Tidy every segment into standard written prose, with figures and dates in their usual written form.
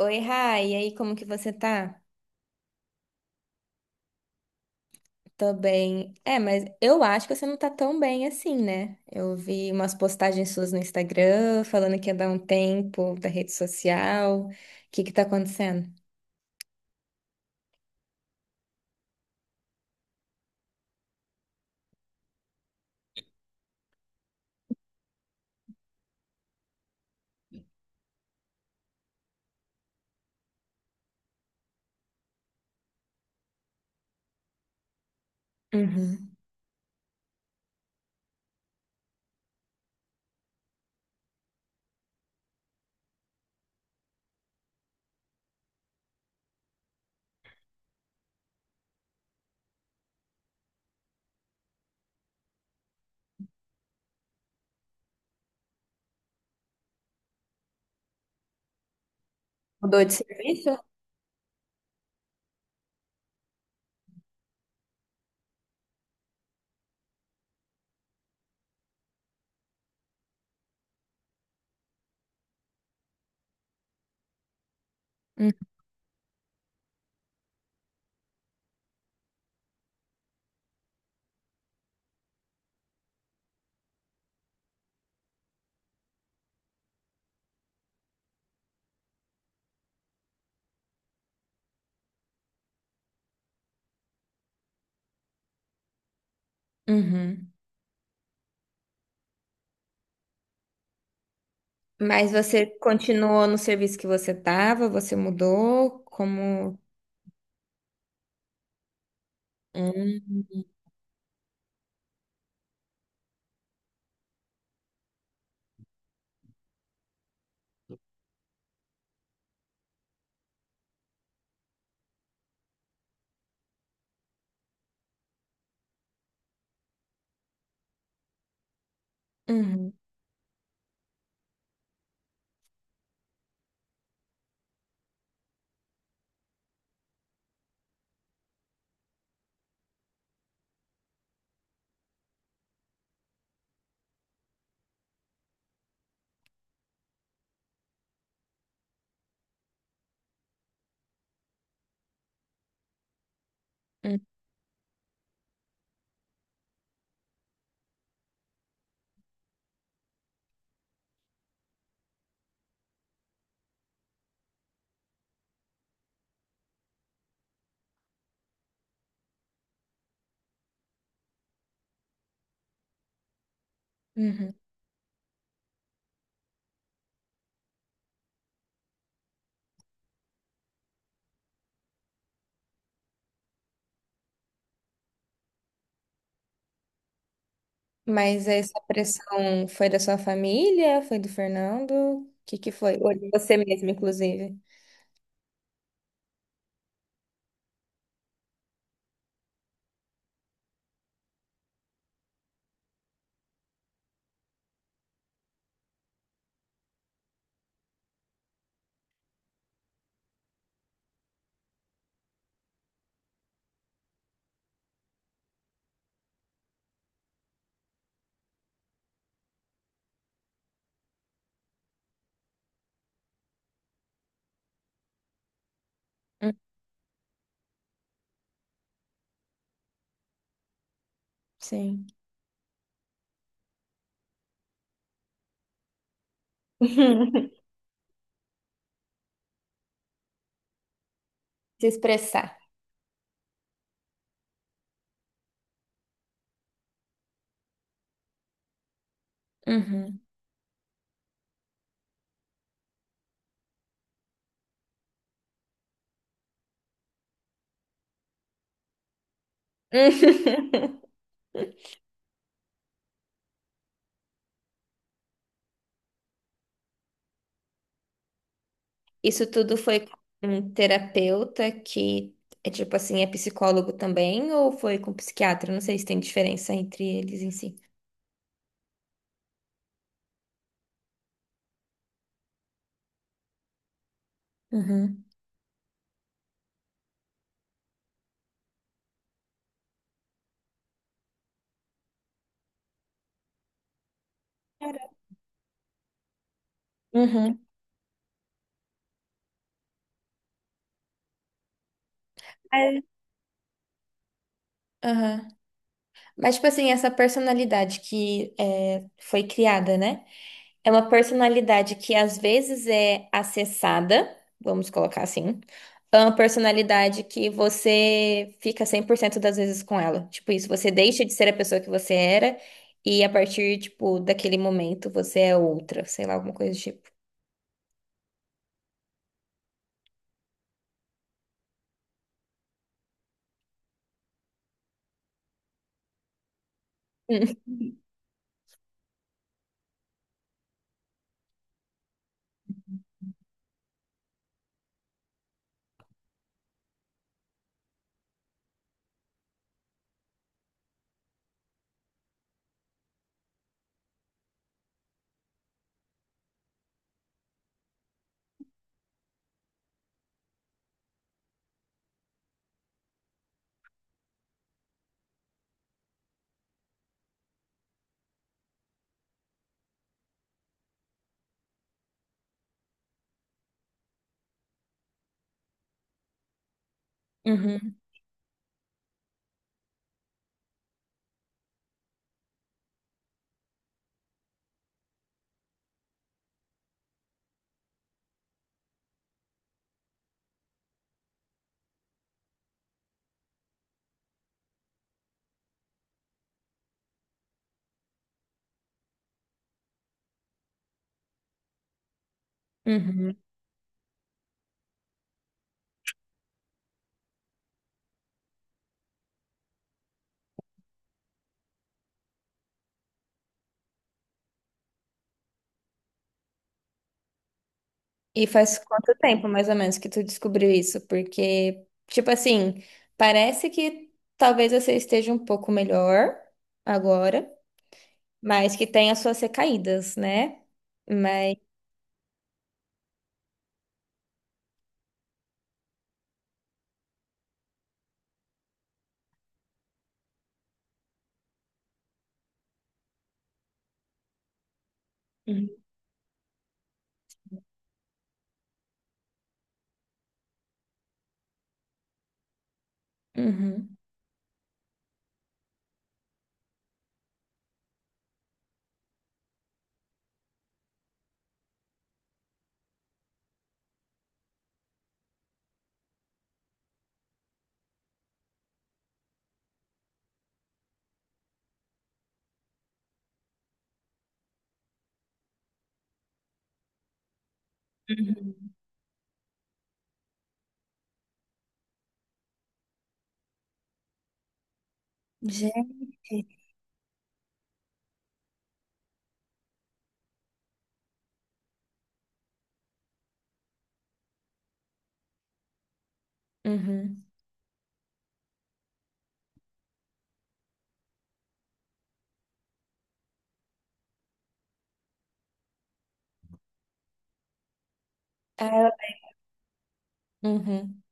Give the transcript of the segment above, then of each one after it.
Oi, Rai, e aí, como que você tá? Tô bem. É, mas eu acho que você não tá tão bem assim, né? Eu vi umas postagens suas no Instagram falando que ia dar um tempo da rede social. O que que tá acontecendo? Uhum. Mudou de serviço? Hum. Uhum. Mas você continuou no serviço que você tava? Você mudou? Como? Hum. Uhum. Uhum. Uhum. Mas essa pressão foi da sua família? Foi do Fernando? O que que foi? Ou de você mesmo, inclusive? Hum. Sim. Se expressar. Uhum. Isso tudo foi com um terapeuta que é tipo assim, é psicólogo também, ou foi com psiquiatra? Não sei se tem diferença entre eles em si. Uhum. Uhum. É. Aham. Mas, tipo assim, essa personalidade que é, foi criada, né? É uma personalidade que às vezes é acessada, vamos colocar assim. É uma personalidade que você fica 100% das vezes com ela. Tipo isso, você deixa de ser a pessoa que você era e a partir, tipo, daquele momento você é outra, sei lá, alguma coisa do tipo. Hum. Uhum, uhum. E faz quanto tempo, mais ou menos, que tu descobriu isso? Porque, tipo assim, parece que talvez você esteja um pouco melhor agora, mas que tem as suas recaídas, né? Mas. Uhum. Uhum, uhum. Gente, uhum, ah, uhum,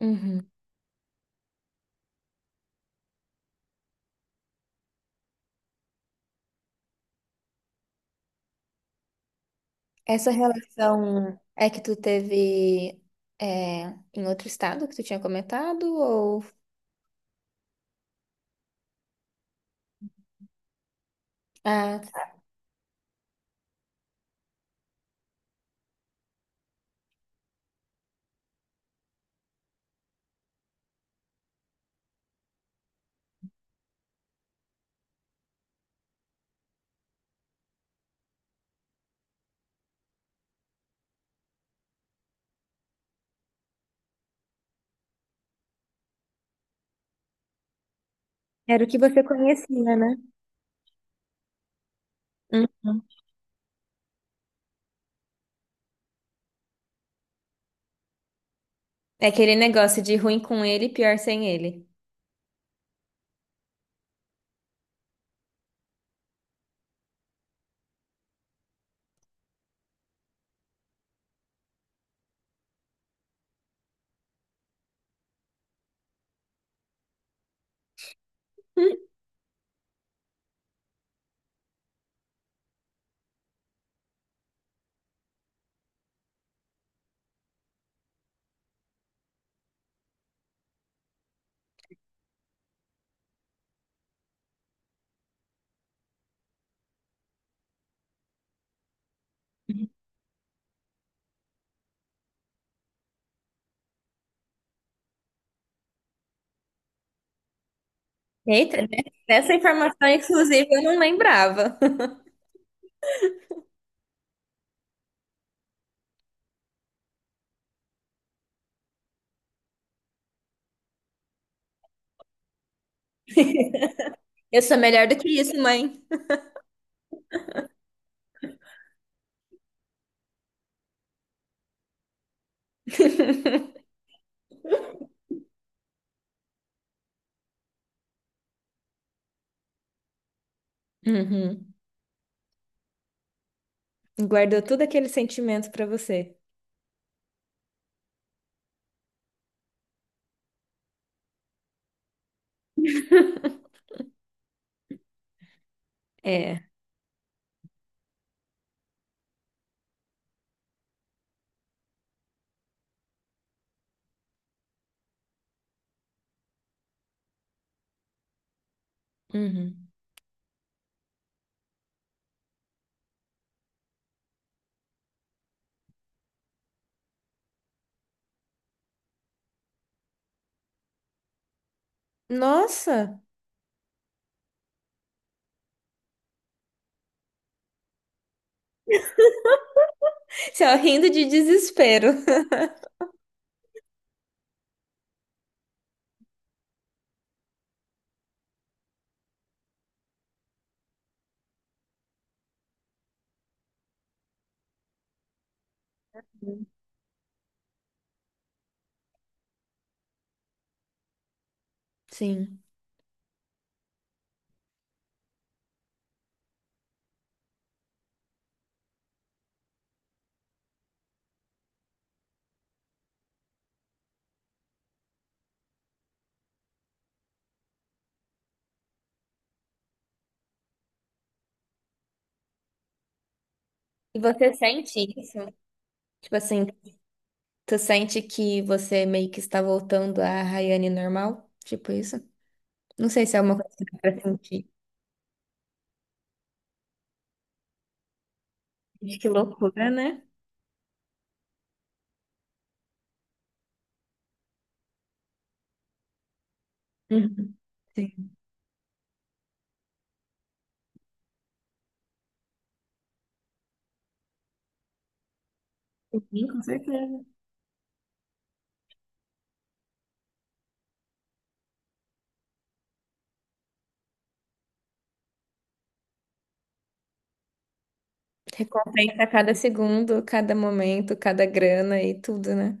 uhum. Essa relação é que tu teve é, em outro estado que tu tinha comentado, ou. Ah, tá. Era o que você conhecia, né? Uhum. É aquele negócio de ruim com ele, pior sem ele. Hum. Eita, né? Essa informação, inclusive, eu não lembrava. Eu sou melhor do que isso, mãe. Uhum. Guardou todo aquele sentimento pra você. É. Uhum. Nossa! Você ó, rindo de desespero. Sim. E você sente isso? Tipo assim, tu sente que você meio que está voltando à Rayane normal? Tipo isso? Não sei se é uma coisa que dá pra sentir. Gente, que loucura, né? Uhum. Sim. Sim, com certeza. Recompensa cada segundo, cada momento, cada grana e tudo, né?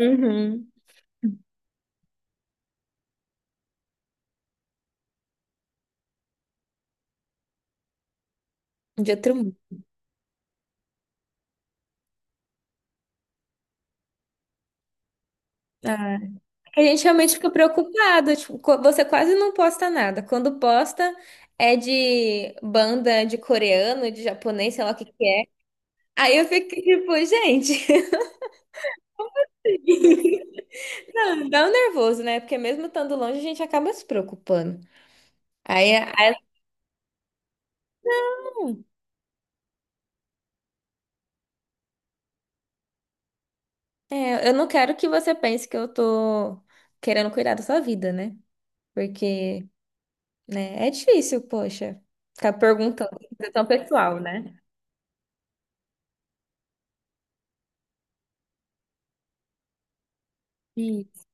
Uhum. De outro mundo. A gente realmente fica preocupado, tipo, você quase não posta nada. Quando posta é de banda de coreano, de japonês, sei lá o que que é. Aí eu fico tipo, gente. Não, dá um nervoso, né? Porque mesmo estando longe, a gente acaba se preocupando. Aí, aí- hum, É, eu não quero que você pense que eu tô querendo cuidar da sua vida, né? Porque, né, é difícil, poxa, ficar perguntando, é tão pessoal, né? Isso.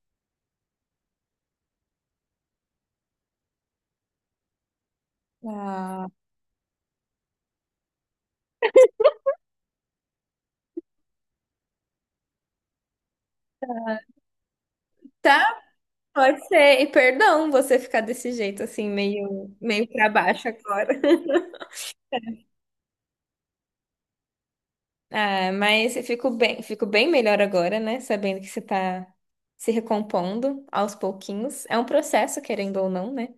Ah. Tá. Pode ser. E perdão você ficar desse jeito assim, meio para baixo agora. Ah, mas eu fico bem melhor agora, né? Sabendo que você tá se recompondo aos pouquinhos. É um processo, querendo ou não, né?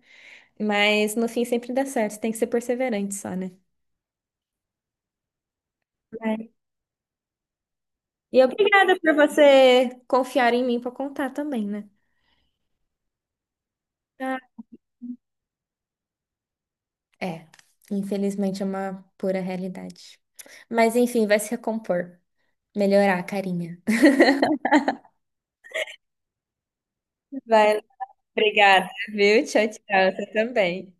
Mas no fim sempre dá certo. Tem que ser perseverante só, né? É. E obrigada por você confiar em mim para contar também, né? Ah. É, infelizmente é uma pura realidade. Mas enfim, vai se recompor, melhorar a carinha. Vai. Obrigada, viu? Tchau, tchau. Você também.